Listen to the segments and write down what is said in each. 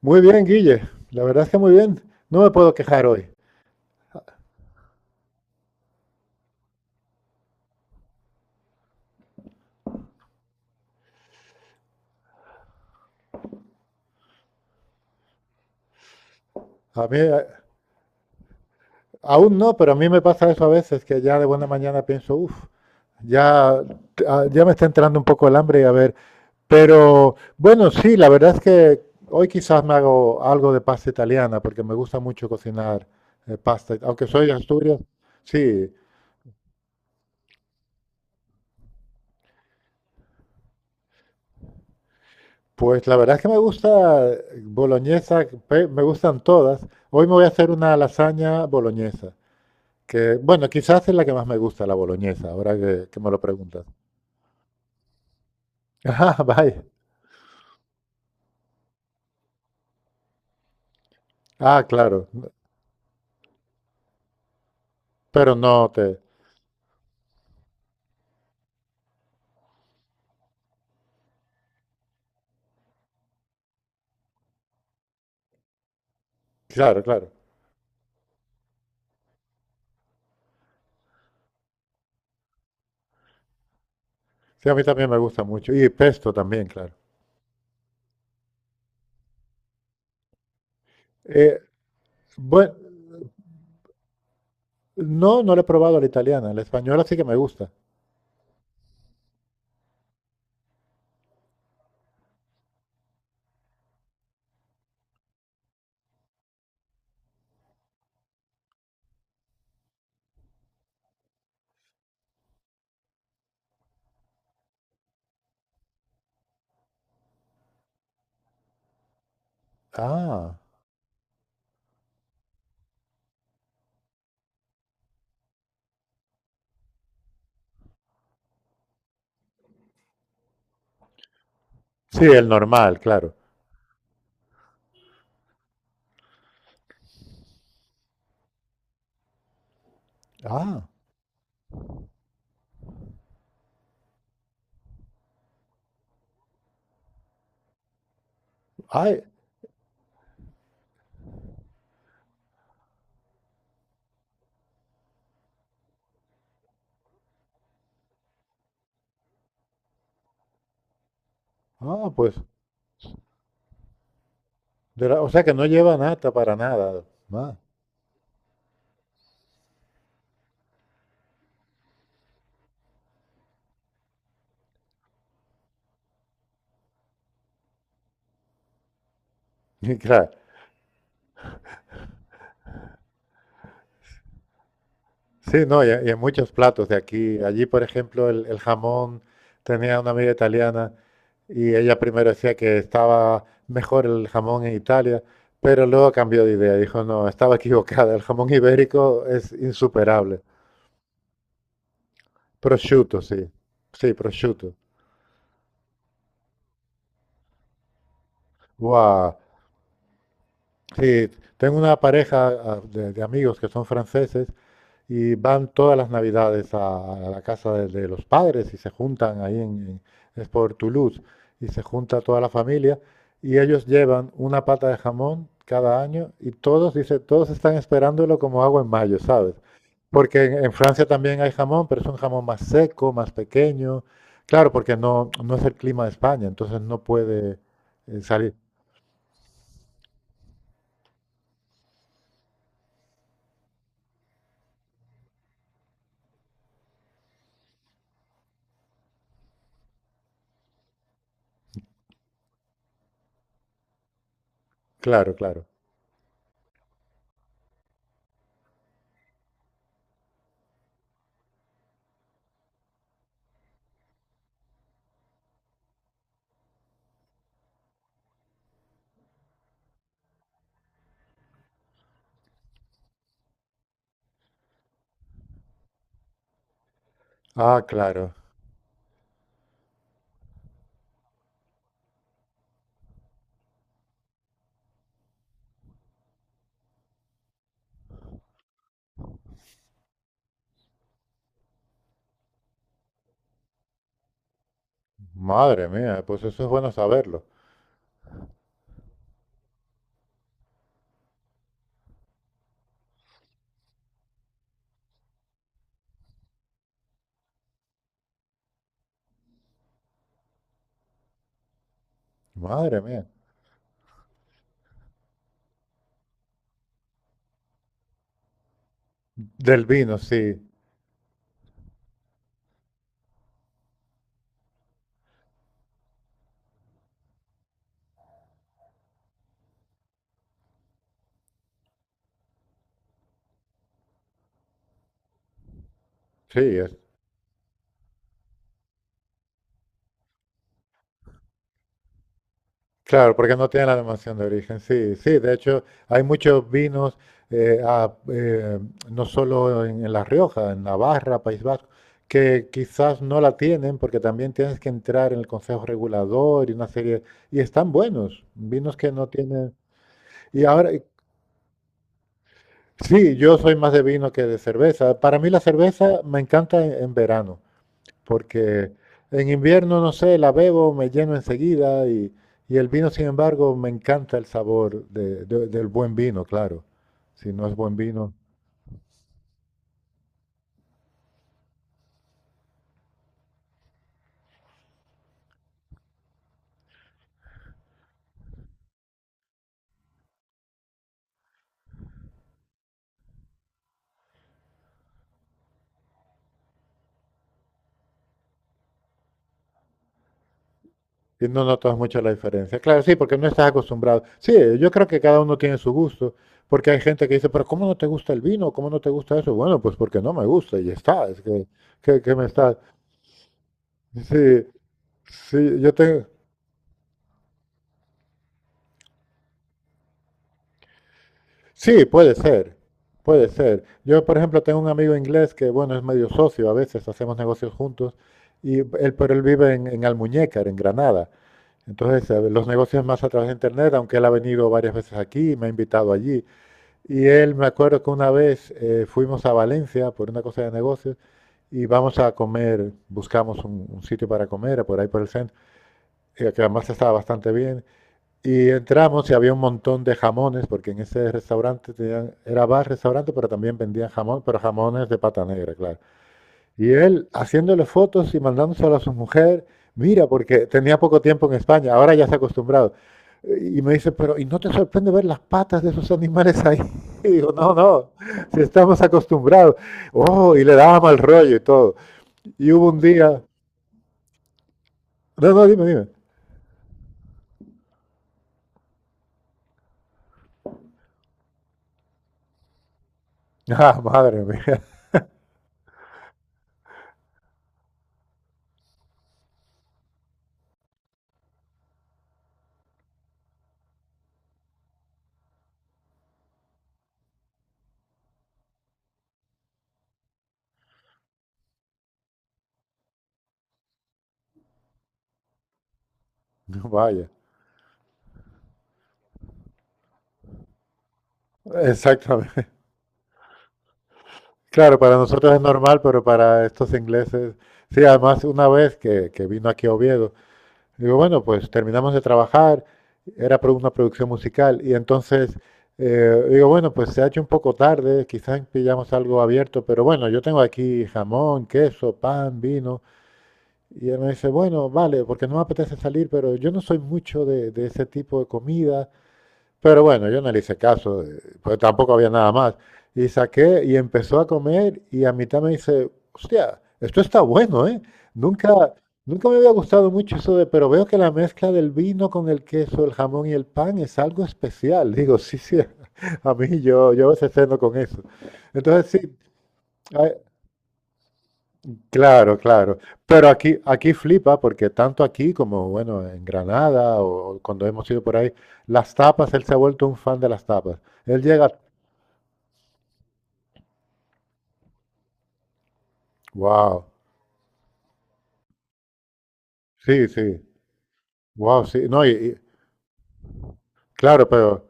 Muy bien, Guille. La verdad es que muy bien. No me puedo quejar hoy. A mí, aún no, pero a mí me pasa eso a veces, que ya de buena mañana pienso, uff, ya, ah, ya me está entrando un poco el hambre y a ver. Pero bueno, sí, la verdad es que hoy quizás me hago algo de pasta italiana, porque me gusta mucho cocinar pasta. Aunque soy de Asturias, sí, pues la verdad es que me gusta, boloñesa, me gustan todas. Hoy me voy a hacer una lasaña boloñesa. Que, bueno, quizás es la que más me gusta, la boloñesa, ahora que me lo preguntas. Ah, vaya. Ah, claro. Pero no te... Claro, claro. Sí, a mí también me gusta mucho. Y pesto también, claro. Eh, bueno, no, no lo he probado a la italiana. La española sí que me gusta. Ah. Sí, el normal, claro. Ah, ay. Ah, pues o sea que no lleva nata para nada. Ah, claro. Sí, no, y en muchos platos de aquí. Allí, por ejemplo, el jamón, tenía una amiga italiana y ella primero decía que estaba mejor el jamón en Italia, pero luego cambió de idea. Dijo, no, estaba equivocada, el jamón ibérico es insuperable. Prosciutto, sí. Sí, prosciutto. Guau. Sí, tengo una pareja, ah, de amigos que son franceses y van todas las navidades a la casa de los padres y se juntan ahí en, en- es por Toulouse, y se junta toda la familia y ellos llevan una pata de jamón cada año y todos, dice, todos están esperándolo como agua en mayo, ¿sabes? Porque en Francia también hay jamón, pero es un jamón más seco, más pequeño. Claro, porque no, no es el clima de España, entonces no puede, salir. Claro, claro. Ah, claro. Madre mía, pues eso es bueno saberlo. Madre mía. Del vino, sí, sí, es, claro, porque no tiene la denominación de origen, sí, sí, de hecho hay muchos vinos, eh, a- eh, no solo en La Rioja, en Navarra, País Vasco, que quizás no la tienen porque también tienes que entrar en el Consejo Regulador y una serie, y están buenos, vinos que no tienen. Y ahora, sí, yo soy más de vino que de cerveza, para mí la cerveza me encanta en verano. Porque en invierno, no sé, la bebo, me lleno enseguida, y el vino, sin embargo, me encanta el sabor del buen vino, claro. Si no es buen vino, y no notas mucho la diferencia. Claro, sí, porque no estás acostumbrado. Sí, yo creo que cada uno tiene su gusto, porque hay gente que dice, pero ¿cómo no te gusta el vino? ¿Cómo no te gusta eso? Bueno, pues porque no me gusta y ya está, es que me está... Sí, sí, yo tengo... Sí, puede ser, puede ser. Yo, por ejemplo, tengo un amigo inglés que, bueno, es medio socio, a veces hacemos negocios juntos, y él, pero él vive en Almuñécar, en Granada. Entonces, los negocios más a través de Internet, aunque él ha venido varias veces aquí, me ha invitado allí. Y él, me acuerdo que una vez, fuimos a Valencia por una cosa de negocios y vamos a comer, buscamos un sitio para comer, por ahí por el centro, que además estaba bastante bien. Y entramos y había un montón de jamones, porque en ese restaurante era bar, restaurante, pero también vendían jamón, pero jamones de pata negra, claro. Y él haciéndole fotos y mandándoselo a su mujer, mira, porque tenía poco tiempo en España, ahora ya se ha acostumbrado. Y me dice, pero ¿y no te sorprende ver las patas de esos animales ahí? Y digo, no, no, si estamos acostumbrados. Oh, y le daba mal rollo y todo. Y hubo un día, no, no, dime, dime. Ah, madre mía, vaya, exactamente. Claro, para nosotros es normal, pero para estos ingleses, sí, además una vez que vino aquí a Oviedo, digo, bueno, pues terminamos de trabajar, era una producción musical, y entonces, digo, bueno, pues se ha hecho un poco tarde, quizás pillamos algo abierto, pero bueno, yo tengo aquí jamón, queso, pan, vino, y él me dice, bueno, vale, porque no me apetece salir, pero yo no soy mucho de ese tipo de comidas. Pero bueno, yo no le hice caso, pues tampoco había nada más. Y saqué y empezó a comer y a mitad me dice, hostia, esto está bueno, ¿eh? Nunca, nunca me había gustado mucho eso de, pero veo que la mezcla del vino con el queso, el jamón y el pan es algo especial. Digo, sí, sí, a mí yo, yo a veces ceno con eso. Entonces sí, hay, claro, claro. Pero aquí, aquí flipa porque tanto aquí como, bueno, en Granada o cuando hemos ido por ahí, las tapas, él se ha vuelto un fan de las tapas. Él llega, wow, sí, sí, wow, sí. No, y, claro, pero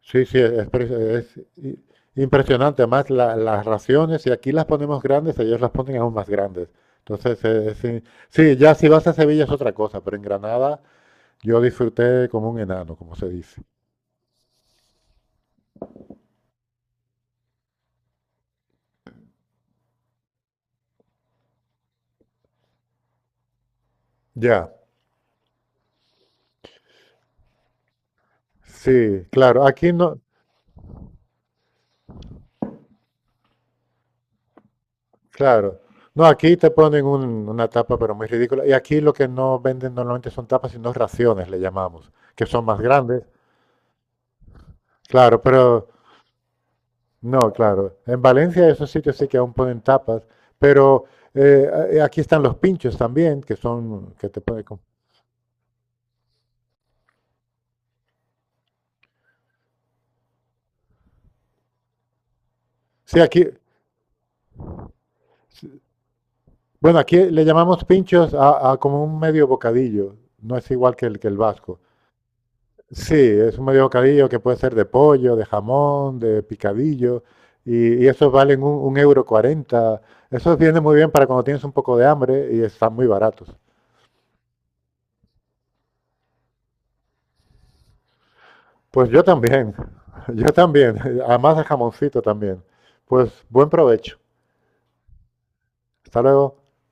sí, sí, es, impresionante. Además, las raciones, y aquí las ponemos grandes, ellos las ponen aún más grandes. Entonces, sí, sí, ya si vas a Sevilla es otra cosa, pero en Granada yo disfruté como un enano, como se dice. Ya. Sí, claro, aquí no, claro. No, aquí te ponen una tapa, pero muy ridícula. Y aquí lo que no venden normalmente son tapas, sino raciones, le llamamos, que son más grandes. Claro, pero no, claro. En Valencia esos sitios sí que aún ponen tapas, pero aquí están los pinchos también, que son, que te ponen como... Sí, aquí, bueno, aquí le llamamos pinchos a como un medio bocadillo. No es igual que el vasco. Sí, es un medio bocadillo que puede ser de pollo, de jamón, de picadillo, y esos valen un euro cuarenta. Esos viene muy bien para cuando tienes un poco de hambre y están muy baratos. Pues yo también, yo también, además de jamoncito también. Pues buen provecho. Hasta luego.